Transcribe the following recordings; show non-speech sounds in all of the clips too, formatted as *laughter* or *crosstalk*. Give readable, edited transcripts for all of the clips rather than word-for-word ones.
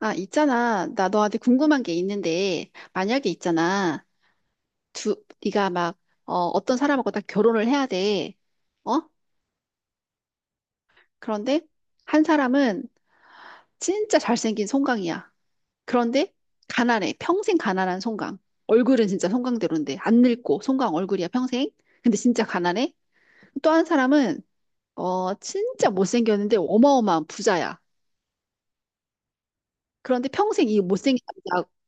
아, 있잖아. 나 너한테 궁금한 게 있는데, 만약에 있잖아. 두, 네가 막, 어떤 사람하고 딱 결혼을 해야 돼. 어? 그런데 한 사람은 진짜 잘생긴 송강이야. 그런데 가난해. 평생 가난한 송강. 얼굴은 진짜 송강대로인데, 안 늙고 송강 얼굴이야, 평생. 근데 진짜 가난해. 또 한 사람은, 진짜 못생겼는데 어마어마한 부자야. 그런데 평생 이 못생긴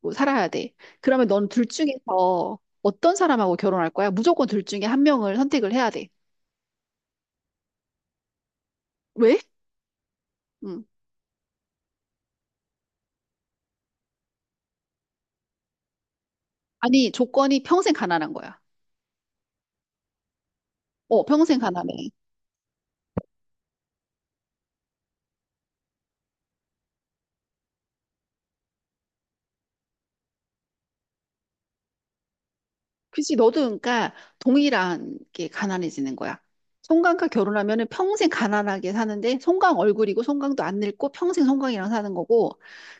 남자하고 살아야 돼. 그러면 넌 둘 중에서 어떤 사람하고 결혼할 거야? 무조건 둘 중에 한 명을 선택을 해야 돼. 왜? 응. 아니, 조건이 평생 가난한 거야. 어, 평생 가난해. 그치, 너도 그러니까 동일한 게 가난해지는 거야. 송강과 결혼하면은 평생 가난하게 사는데 송강 얼굴이고 송강도 안 늙고 평생 송강이랑 사는 거고,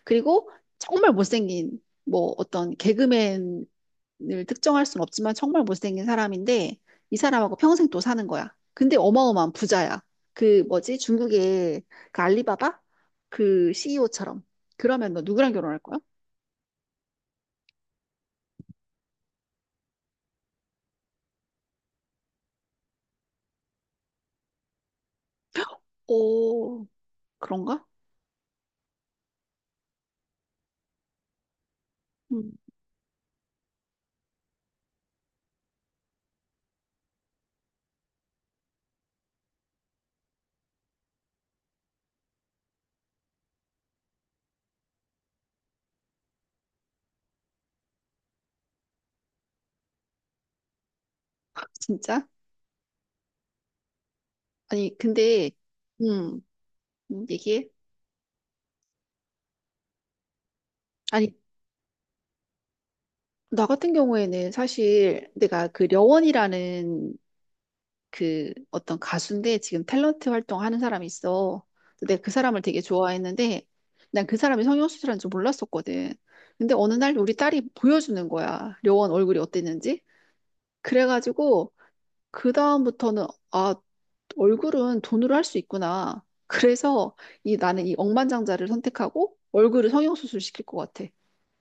그리고 정말 못생긴 뭐 어떤 개그맨 을 특정할 수는 없지만 정말 못생긴 사람인데 이 사람하고 평생 또 사는 거야. 근데 어마어마한 부자야. 그 뭐지? 중국의 그 알리바바 그 CEO처럼. 그러면 너 누구랑 결혼할 거야? 오, 그런가? 음, *laughs* 진짜? 아니, 근데 음, 얘기해. 아니, 나 같은 경우에는 사실 내가 그 려원이라는 그 어떤 가수인데 지금 탤런트 활동하는 사람이 있어. 근데 내가 그 사람을 되게 좋아했는데 난 그 사람이 성형수술한 줄 몰랐었거든. 근데 어느 날 우리 딸이 보여주는 거야. 려원 얼굴이 어땠는지. 그래가지고 그 다음부터는 아, 얼굴은 돈으로 할 수 있구나. 그래서 이 나는 이 억만장자를 선택하고 얼굴을 성형수술 시킬 것 같아.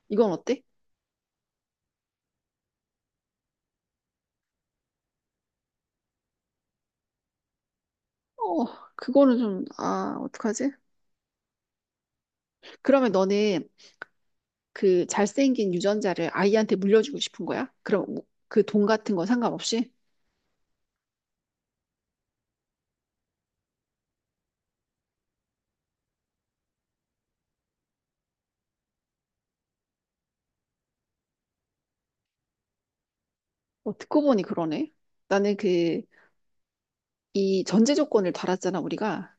이건 어때? 어, 그거는 좀, 아, 어떡하지? 그러면 너는 그 잘생긴 유전자를 아이한테 물려주고 싶은 거야? 그럼 그 돈 같은 건 상관없이? 어, 듣고 보니 그러네. 나는 그 이 전제 조건을 달았잖아, 우리가.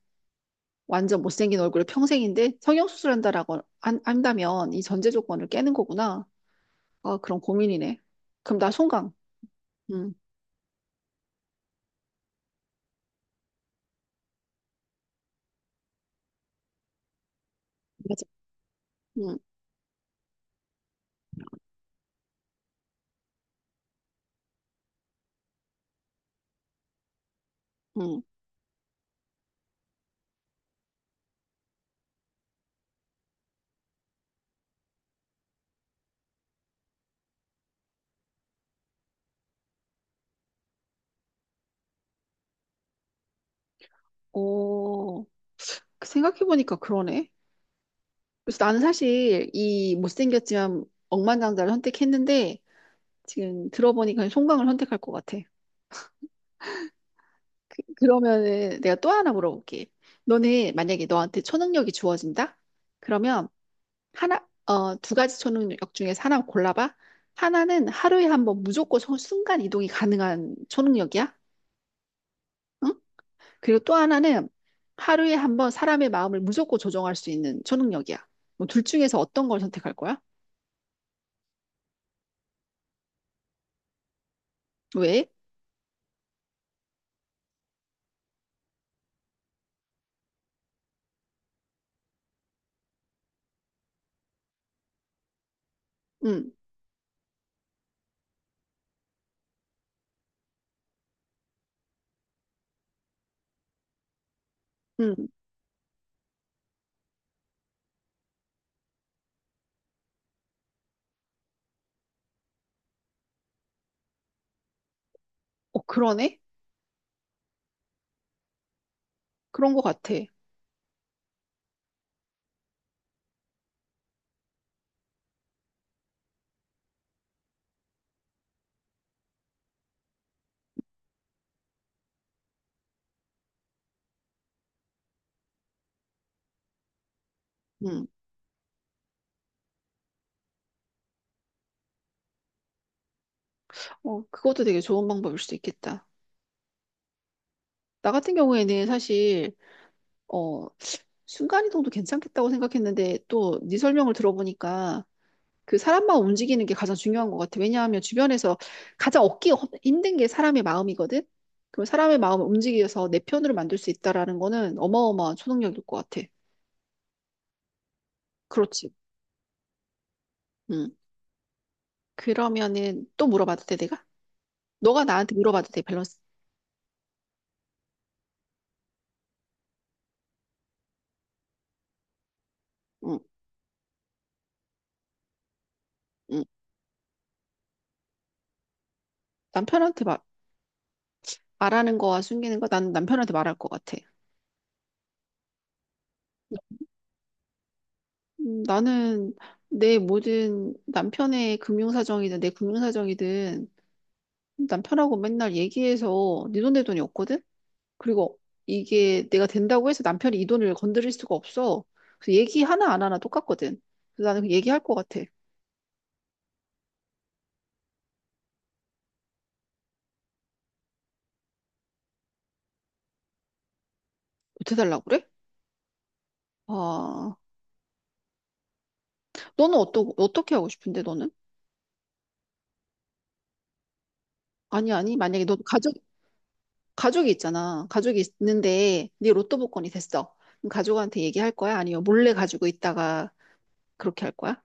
완전 못생긴 얼굴을 평생인데 성형수술한다라고 한다면 이 전제 조건을 깨는 거구나. 아, 그런 고민이네. 그럼 나 송강. 응, 맞아. 응, 응. 오, 그 생각해보니까 그러네. 그래서 나는 사실 이 못생겼지만 억만장자를 선택했는데 지금 들어보니까 송강을 선택할 것 같아. 그러면은 내가 또 하나 물어볼게. 너는 만약에 너한테 초능력이 주어진다? 그러면 두 가지 초능력 중에서 하나 골라봐. 하나는 하루에 한번 무조건 순간 이동이 가능한 초능력이야. 응? 그리고 또 하나는 하루에 한번 사람의 마음을 무조건 조종할 수 있는 초능력이야. 뭐둘 중에서 어떤 걸 선택할 거야? 왜? 응, 응. 어, 그러네? 그런 것 같아. 응. 어, 그것도 되게 좋은 방법일 수도 있겠다. 나 같은 경우에는 사실 어, 순간이동도 괜찮겠다고 생각했는데 또 네 설명을 들어보니까 그 사람만 움직이는 게 가장 중요한 것 같아. 왜냐하면 주변에서 가장 힘든 게 사람의 마음이거든. 그럼 사람의 마음을 움직여서 내 편으로 만들 수 있다라는 거는 어마어마한 초능력일 것 같아. 그렇지. 응. 그러면은 또 물어봐도 돼, 내가? 너가 나한테 물어봐도 돼, 밸런스. 응, 응. 남편한테 말, 말하는 거와 숨기는 거, 난 남편한테 말할 것 같아. 나는 내 모든 남편의 금융사정이든 내 금융사정이든 남편하고 맨날 얘기해서 네 돈 내 돈이 없거든? 그리고 이게 내가 된다고 해서 남편이 이 돈을 건드릴 수가 없어. 그래서 얘기 하나 안 하나 똑같거든. 그래서 나는 그 얘기할 것 같아. 못해달라고 그래? 아, 어떻게 하고 싶은데 너는? 아니, 아니, 가족이 있잖아. 가족이 있는데 네 로또 복권이 됐어. 그럼 가족한테 얘기할 거야? 아니면 몰래 가지고 있다가 그렇게 할 거야?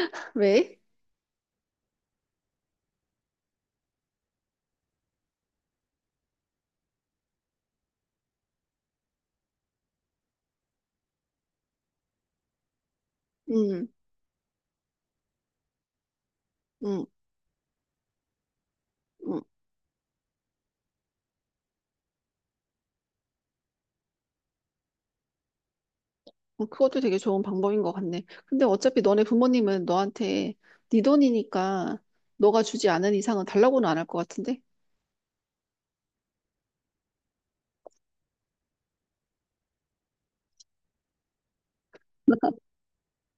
*laughs* 왜? 음, 음, 음. 어, 그것도 되게 좋은 방법인 것 같네. 근데 어차피 너네 부모님은 너한테 네 돈이니까 너가 주지 않은 이상은 달라고는 안 할 것 같은데?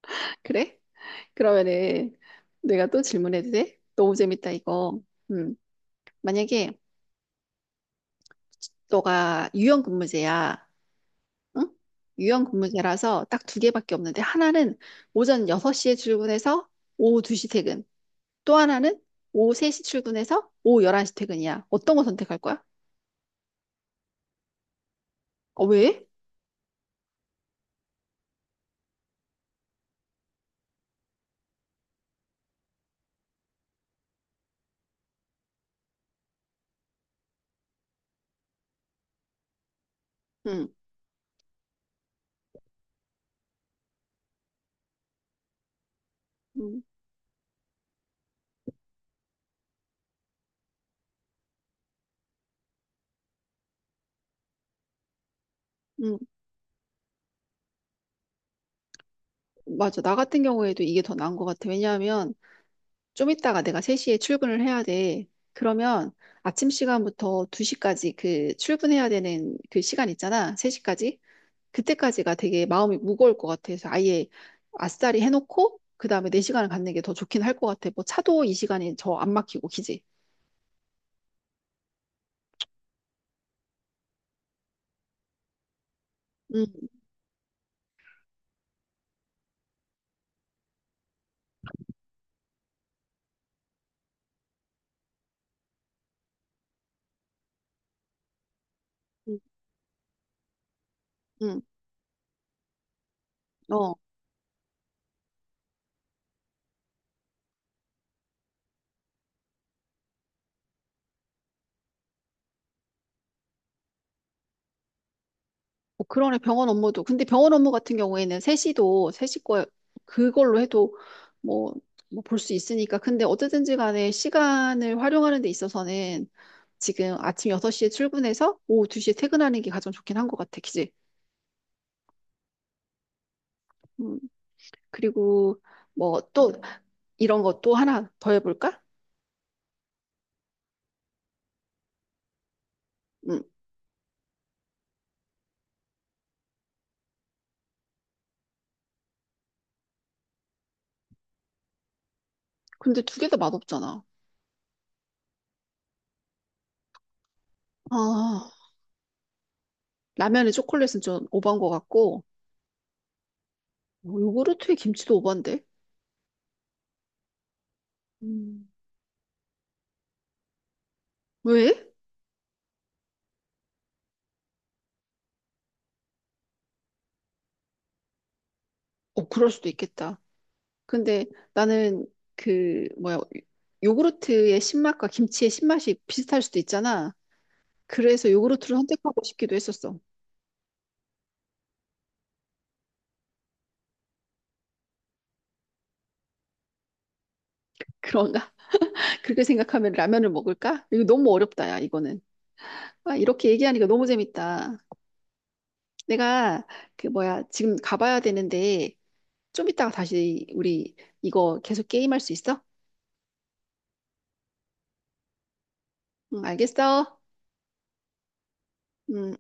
*laughs* 그래? 그러면은 내가 또 질문해도 돼? 너무 재밌다, 이거. 음, 만약에 너가 유연근무제야. 응? 유연근무제라서 딱 두 개밖에 없는데 하나는 오전 6시에 출근해서 오후 2시 퇴근. 또 하나는 오후 3시 출근해서 오후 11시 퇴근이야. 어떤 거 선택할 거야? 어, 왜? 응, 응, 응. 맞아. 나 같은 경우에도 이게 더 나은 것 같아. 왜냐하면 좀 이따가 내가 3시에 출근을 해야 돼. 그러면 아침 시간부터 2시까지 그 출근해야 되는 그 시간 있잖아. 3시까지. 그때까지가 되게 마음이 무거울 것 같아서 아예 아싸리 해놓고 그다음에 4시간을 갖는 게 더 좋긴 할 것 같아. 뭐 차도 이 시간이 더 안 막히고, 그지? 응, 응, 응. 어. 어, 그러네, 병원 업무도. 근데 병원 업무 같은 경우에는 세시 거, 그걸로 해도 뭐, 뭐 볼 수 있으니까. 근데 어쨌든지 간에 시간을 활용하는 데 있어서는 지금 아침 6시에 출근해서 오후 2시에 퇴근하는 게 가장 좋긴 한 것 같아, 그지? 음, 그리고 뭐 또 이런 것도 하나 더 해볼까? 음, 근데 두 개 다 맛없잖아. 아, 라면에 초콜릿은 좀 오버한 것 같고, 뭐 요구르트에 김치도 오버인데? 음, 왜? 어, 그럴 수도 있겠다. 근데 나는 그 뭐야 요구르트의 신맛과 김치의 신맛이 비슷할 수도 있잖아. 그래서 요구르트를 선택하고 싶기도 했었어. 그런가? *laughs* 그렇게 생각하면 라면을 먹을까? 이거 너무 어렵다, 야, 이거는. 아, 이렇게 얘기하니까 너무 재밌다. 내가 그 뭐야 지금 가봐야 되는데 좀 이따가 다시 우리 이거 계속 게임할 수 있어? 응, 알겠어. 음.